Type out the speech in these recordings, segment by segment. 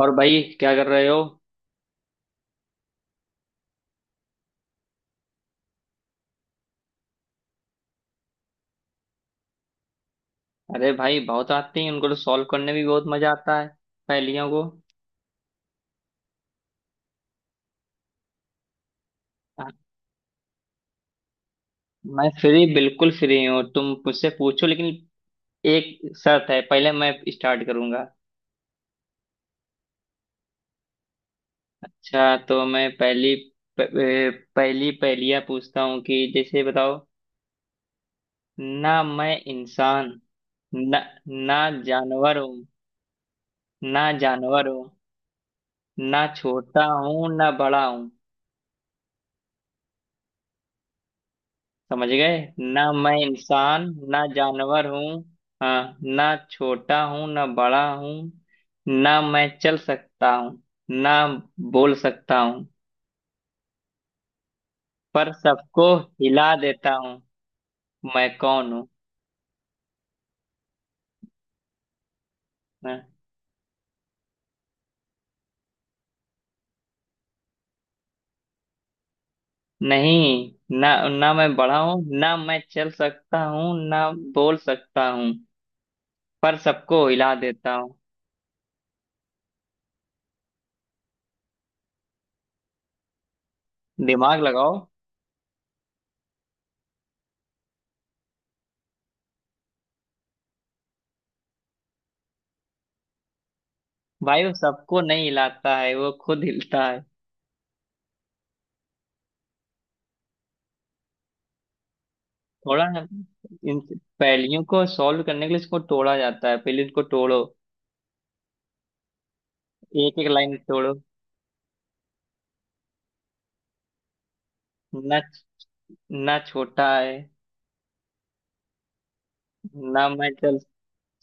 और भाई क्या कर रहे हो? अरे भाई बहुत आती हैं। उनको तो सॉल्व करने में भी बहुत मजा आता है, पहेलियों को। हाँ, मैं फ्री बिल्कुल फ्री हूँ, तुम मुझसे पूछो, लेकिन एक शर्त है, पहले मैं स्टार्ट करूंगा। अच्छा, तो मैं पहली प- ए, पहली पहेलियाँ पूछता हूँ कि जैसे बताओ, ना मैं इंसान, ना ना जानवर हूँ। ना जानवर हूँ, ना छोटा हूँ, ना बड़ा हूँ। समझ गए? ना मैं इंसान, ना जानवर हूँ। हाँ, ना छोटा हूँ ना बड़ा हूँ, ना मैं चल सकता हूँ ना बोल सकता हूँ, पर सबको हिला देता हूँ। मैं कौन हूँ? हाँ, नहीं, ना ना मैं बड़ा हूँ ना मैं चल सकता हूँ ना बोल सकता हूँ, पर सबको हिला देता हूँ। दिमाग लगाओ। भाई वो सबको नहीं हिलाता है, वो खुद हिलता है। थोड़ा, इन पहेलियों को सॉल्व करने के लिए इसको तोड़ा जाता है, पहले इनको तोड़ो। एक एक लाइन तोड़ो। ना, ना छोटा है, ना मैं चल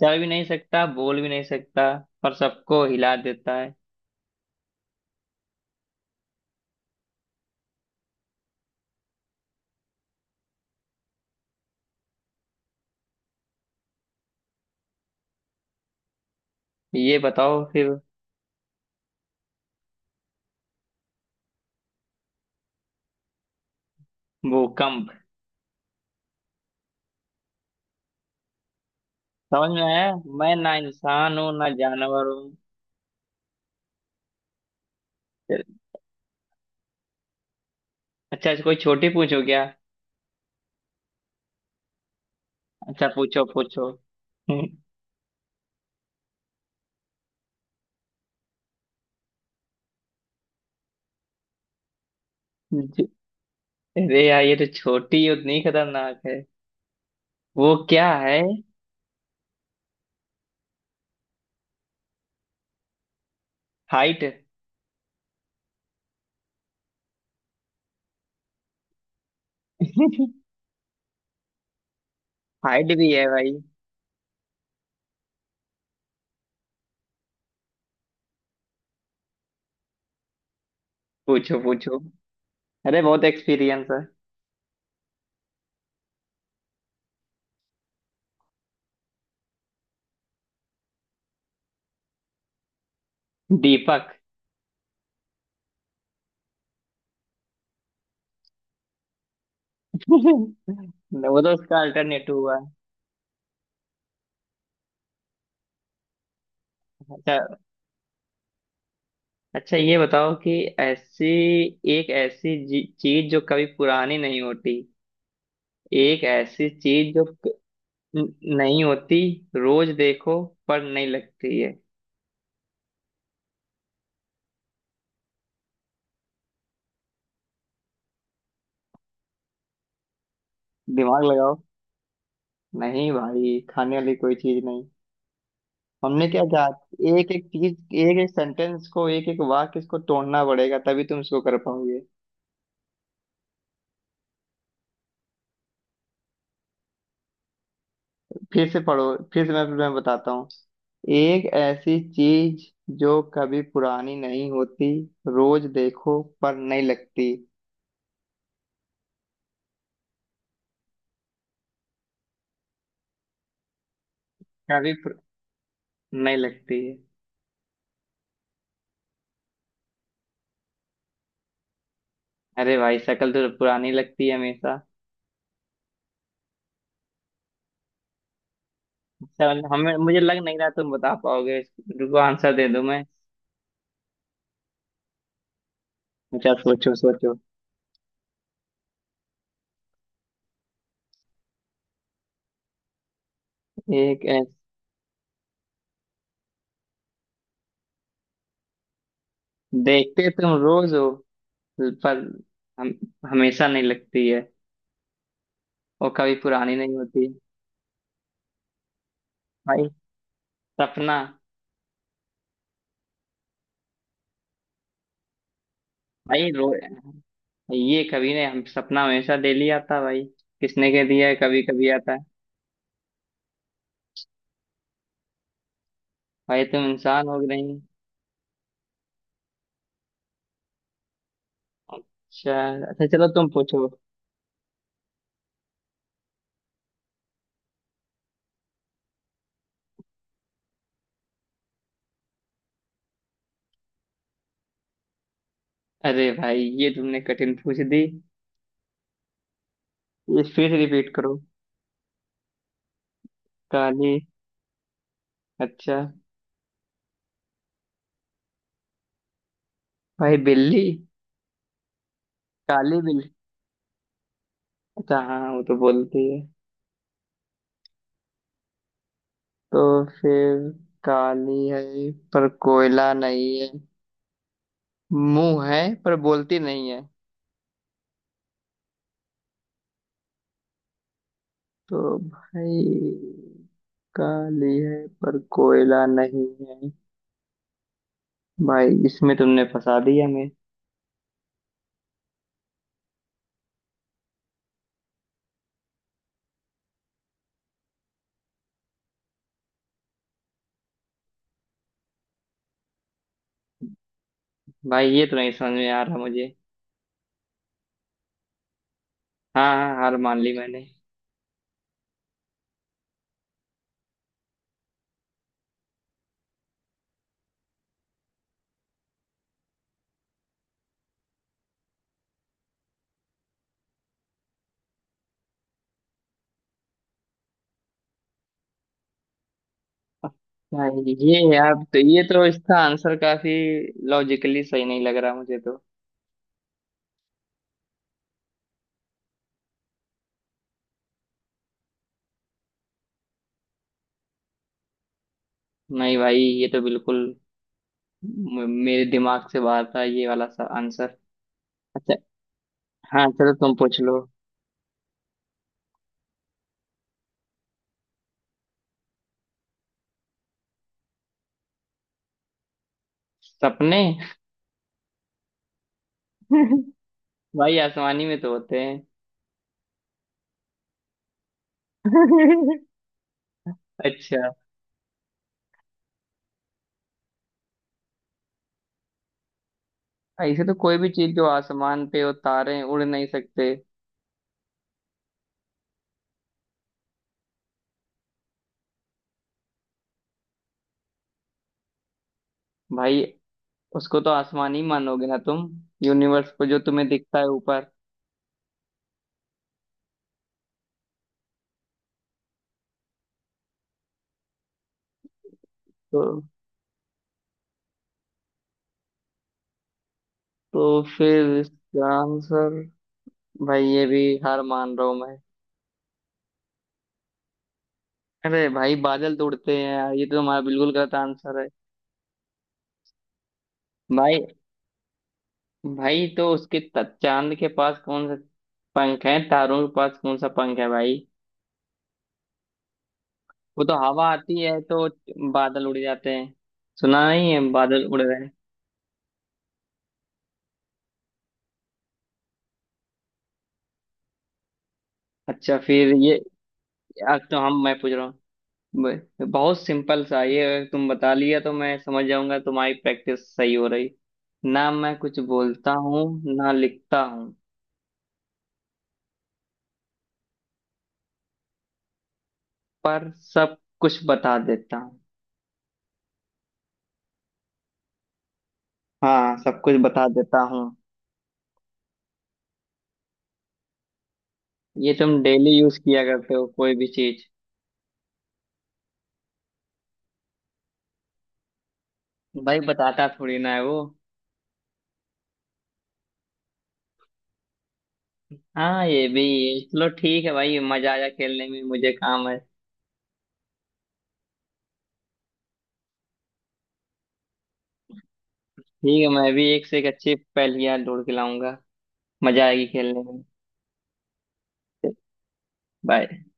चल भी नहीं सकता, बोल भी नहीं सकता, पर सबको हिला देता है। ये बताओ फिर। भूकंप। समझ में आया, मैं ना इंसान हूँ ना जानवर हूँ। अच्छा, ऐसे कोई छोटी पूछो क्या। अच्छा, पूछो पूछो। हम्म। ज- अरे यार, ये तो छोटी और नहीं, खतरनाक है। वो क्या है? हाइट। हाइट भी है भाई। पूछो पूछो। अरे बहुत एक्सपीरियंस है। दीपक। वो तो उसका अल्टरनेट हुआ। अच्छा, अच्छा ये बताओ कि ऐसी, एक ऐसी चीज जो कभी पुरानी नहीं होती। एक ऐसी चीज जो नहीं होती, रोज देखो पर नहीं लगती है। दिमाग लगाओ। नहीं भाई, खाने वाली कोई चीज नहीं। हमने क्या कहा? एक एक चीज, एक एक सेंटेंस को, एक एक वाक्य, इसको तोड़ना पड़ेगा, तभी तुम इसको कर पाओगे। फिर से पढ़ो, फिर से मैं बताता हूँ। एक ऐसी चीज जो कभी पुरानी नहीं होती, रोज देखो पर नहीं लगती। कभी पुर... नहीं लगती है। अरे भाई, शक्ल तो पुरानी लगती है हमेशा। अच्छा, मतलब हमें, मुझे लग नहीं रहा तुम बता पाओगे। रुको, आंसर दे दूं मैं। अच्छा, सोचो सोचो। एक ऐस- देखते तुम रोज हो, पर हम हमेशा नहीं लगती है, और कभी पुरानी नहीं होती। भाई, सपना। भाई रो ये कभी ने, हम सपना हमेशा डेली आता भाई। किसने कह दिया है कभी कभी आता है? भाई तुम इंसान हो कि नहीं? शायद। अच्छा चलो, तुम पूछो। अरे भाई, ये तुमने कठिन पूछ दी। ये फिर रिपीट करो। काली। अच्छा। भाई, बिल्ली। काली बिल्ली। अच्छा हाँ, वो तो बोलती है। तो फिर, काली है पर कोयला नहीं है, मुंह है पर बोलती नहीं है। तो भाई, काली है पर कोयला नहीं है। भाई इसमें तुमने फंसा दिया मैं। भाई ये तो नहीं समझ में आ रहा मुझे। हाँ, हाँ, हार मान ली मैंने। भाई ये तो इसका आंसर काफी लॉजिकली सही नहीं लग रहा मुझे तो। नहीं भाई, ये तो बिल्कुल मेरे दिमाग से बाहर था ये वाला सा आंसर। अच्छा। हाँ चलो, तुम पूछ लो। सपने। भाई, आसमानी में तो होते हैं। अच्छा। ऐसे तो कोई भी चीज जो आसमान पे हो, तारे उड़ नहीं सकते। भाई, उसको तो आसमान ही मानोगे ना तुम, यूनिवर्स को, जो तुम्हें दिखता है ऊपर। तो तो फिर इसका आंसर, भाई ये भी हार मान रहा हूं मैं। अरे भाई, बादल तो उड़ते हैं यार, ये तो हमारा बिल्कुल गलत आंसर है। भाई, उसके चांद के पास कौन सा पंख है, तारों के पास कौन सा पंख है भाई? वो तो हवा आती है तो बादल उड़ जाते हैं। सुना नहीं है, बादल उड़ रहे हैं? अच्छा फिर ये, अब तो हम मैं पूछ रहा हूँ। बहुत सिंपल सा ये, अगर तुम बता लिया तो मैं समझ जाऊंगा तुम्हारी प्रैक्टिस सही हो रही। ना मैं कुछ बोलता हूँ ना लिखता हूँ, पर सब कुछ बता देता हूँ। हाँ, सब कुछ बता देता हूँ। ये तुम डेली यूज किया करते हो, कोई भी चीज। भाई बताता थोड़ी ना है वो। हाँ, ये भी है। चलो ठीक है भाई, मजा आया खेलने में, मुझे काम है। ठीक है, मैं भी एक से एक अच्छी पहेलियां ढूंढ के लाऊंगा, मजा आएगी खेलने में। बाय।